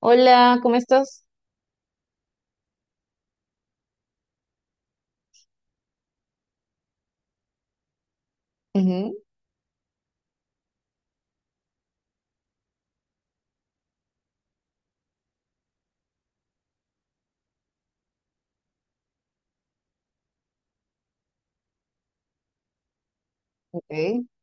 Hola, ¿cómo estás? Ujú. Ok.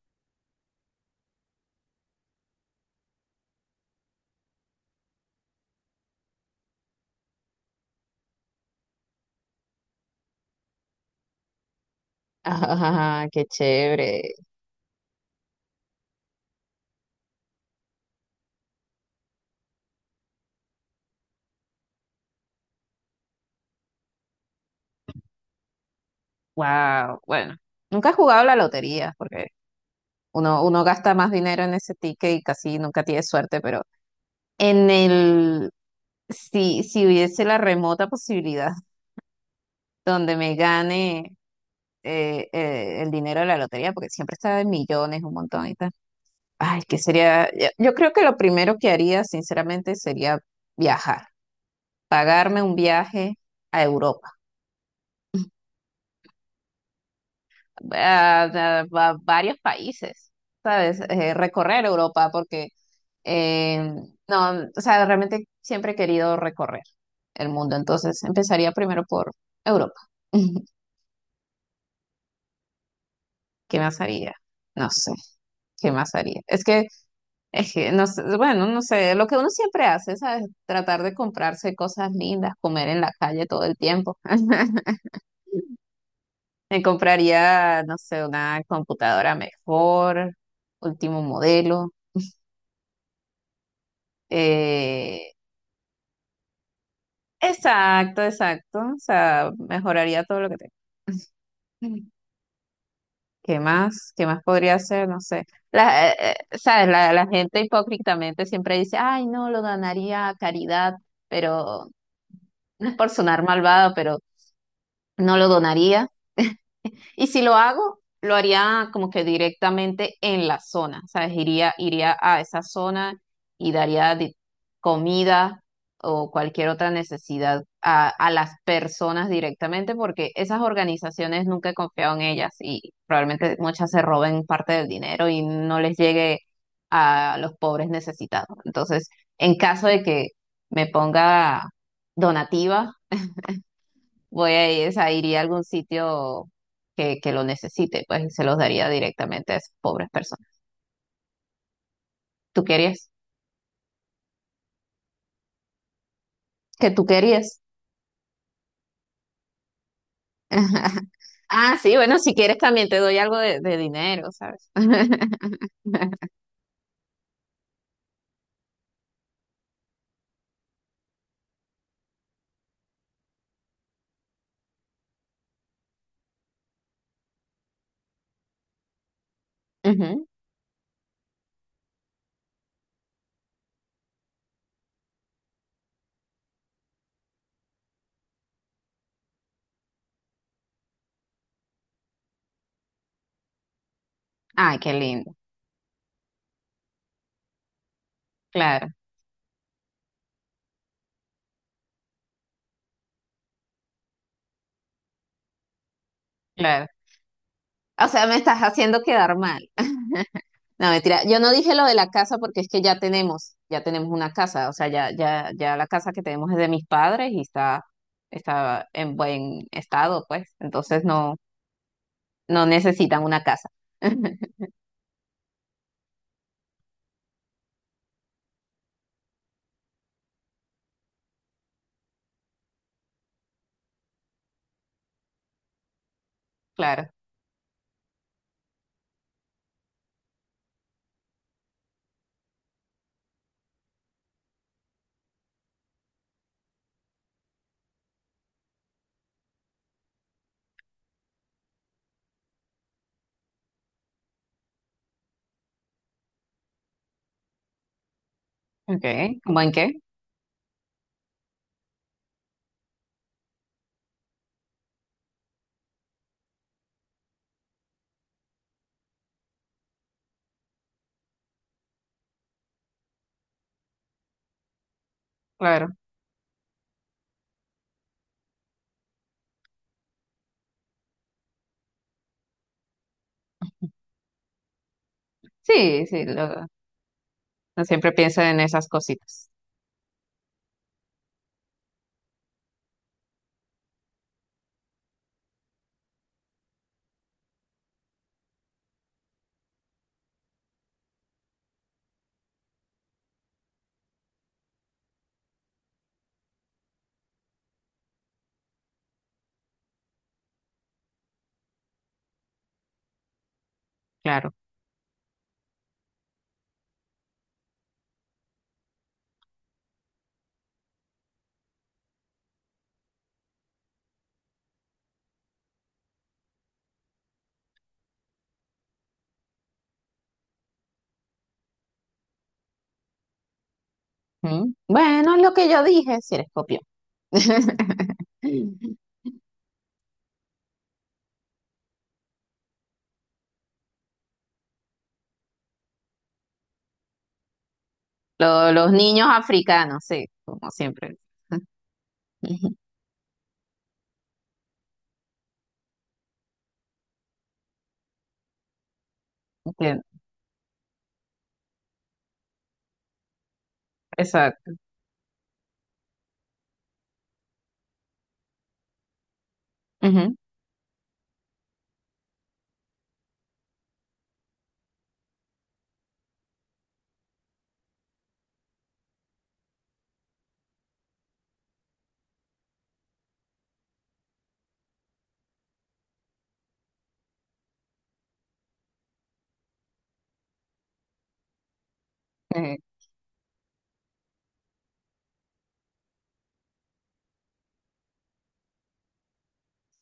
Ajá, qué chévere. Wow. Bueno, nunca he jugado a la lotería porque uno gasta más dinero en ese ticket y casi nunca tiene suerte, pero en el, si hubiese la remota posibilidad donde me gane el dinero de la lotería, porque siempre está en millones, un montón y tal. Ay, que sería, yo creo que lo primero que haría, sinceramente, sería viajar, pagarme un viaje a Europa. a, a- a varios países, ¿sabes? Recorrer Europa, porque eh, no, o sea, realmente siempre he querido recorrer el mundo, entonces empezaría primero por Europa. ¿Qué más haría? No sé, ¿qué más haría? Es que no sé, bueno, no sé, lo que uno siempre hace, ¿sabes? Tratar de comprarse cosas lindas, comer en la calle todo el tiempo. Me compraría, no sé, una computadora mejor, último modelo. Eh, exacto, exacto. O sea, mejoraría todo lo que tengo. ¿Qué más? ¿Qué más podría hacer? No sé. La, eh, ¿Sabes? La gente hipócritamente siempre dice, ay, no, lo donaría a caridad, pero no es por sonar malvado, pero no lo donaría. Y si lo hago, lo haría como que directamente en la zona, ¿sabes? Iría a esa zona y comida o cualquier otra necesidad a las personas directamente, porque esas organizaciones nunca he confiado en ellas y probablemente muchas se roben parte del dinero y no les llegue a los pobres necesitados. Entonces, en caso de que me ponga donativa, voy a ir, o sea, iría a algún sitio que lo necesite, pues y se los daría directamente a esas pobres personas. ¿Tú querías? ¿Qué tú querías? Ah, sí, bueno, si quieres también te doy algo de dinero, ¿sabes? Ujú. Ay, qué lindo. Claro, claro. O sea, me estás haciendo quedar mal. No, mentira. Yo no dije lo de la casa porque es que ya tenemos una casa. O sea, ya, ya, ya la casa que tenemos es de mis padres y está, está en buen estado, pues. Entonces no. No necesitan una casa. Claro. Okay. ¿Cómo en qué? Claro. Sí, sí, no siempre pienso en esas cositas. Claro. Mm. Bueno, es lo que yo dije, si eres copión. Los niños africanos, sí, como siempre. Ujú. Entiendo. Exacto. Ujú. Eh,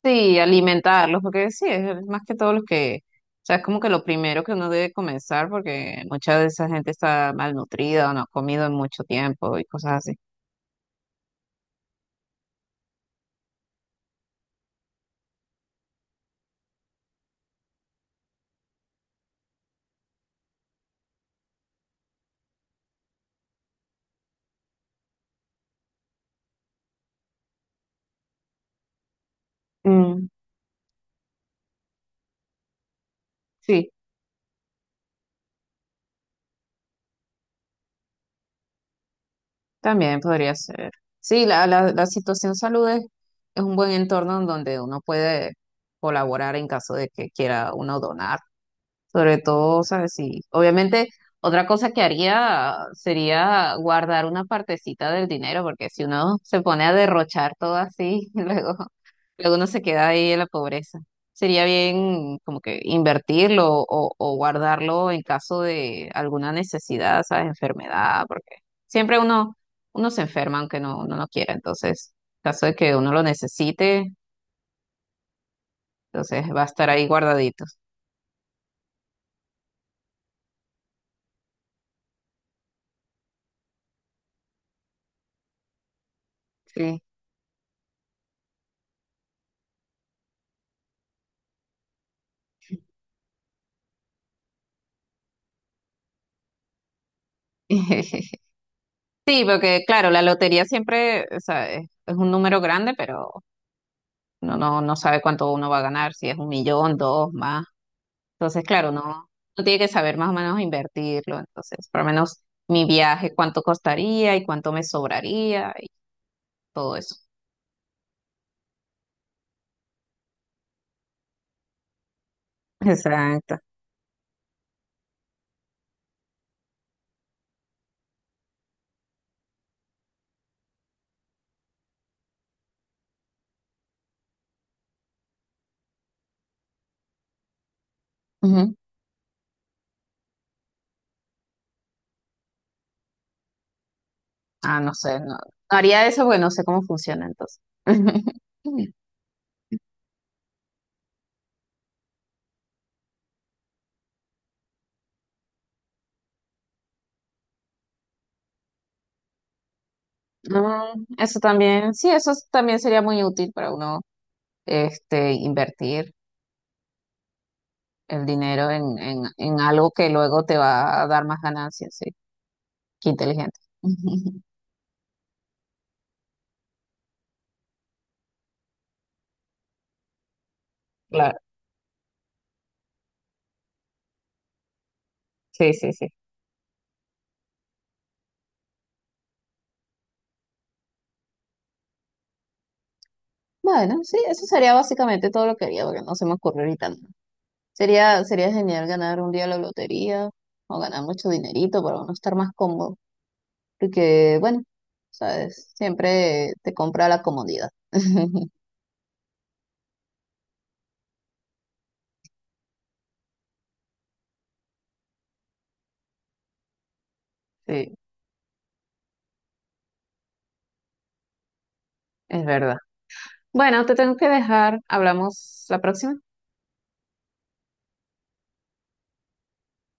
sí, alimentarlos, porque sí, es más que todo los que, o sea, es como que lo primero que uno debe comenzar, porque mucha de esa gente está malnutrida o no ha comido en mucho tiempo y cosas así. Sí, también podría ser. Sí, la situación salud es un buen entorno en donde uno puede colaborar en caso de que quiera uno donar. Sobre todo, ¿sabes? Sí. Obviamente, otra cosa que haría sería guardar una partecita del dinero, porque si uno se pone a derrochar todo así, luego, luego uno se queda ahí en la pobreza. Sería bien como que invertirlo o guardarlo en caso de alguna necesidad, ¿sabes? Enfermedad, porque siempre uno, uno se enferma aunque no, uno no quiera. Entonces, en caso de que uno lo necesite, entonces va a estar ahí guardadito. Sí. Sí, porque claro, la lotería siempre, o sea, es un número grande, pero uno no, no sabe cuánto uno va a ganar, si es un millón, dos, más. Entonces, claro, no, uno tiene que saber más o menos invertirlo. Entonces, por lo menos mi viaje, cuánto costaría y cuánto me sobraría y todo eso. Exacto. Ujú. Ah, no sé, no, no haría eso porque no sé cómo funciona entonces. Mm, eso también, sí, eso es- también sería muy útil para uno, este, invertir el dinero en algo que luego te va a dar más ganancias, sí. Qué inteligente. Claro, sí, sí, sí. Bueno, sí, eso sería básicamente todo lo que haría, porque no se me ocurre ahorita nada. Sería, sería genial ganar un día la lotería o ganar mucho dinerito para uno estar más cómodo, porque, bueno, sabes, siempre te compra la comodidad. Sí, es verdad. Bueno, te tengo que dejar. Hablamos la próxima.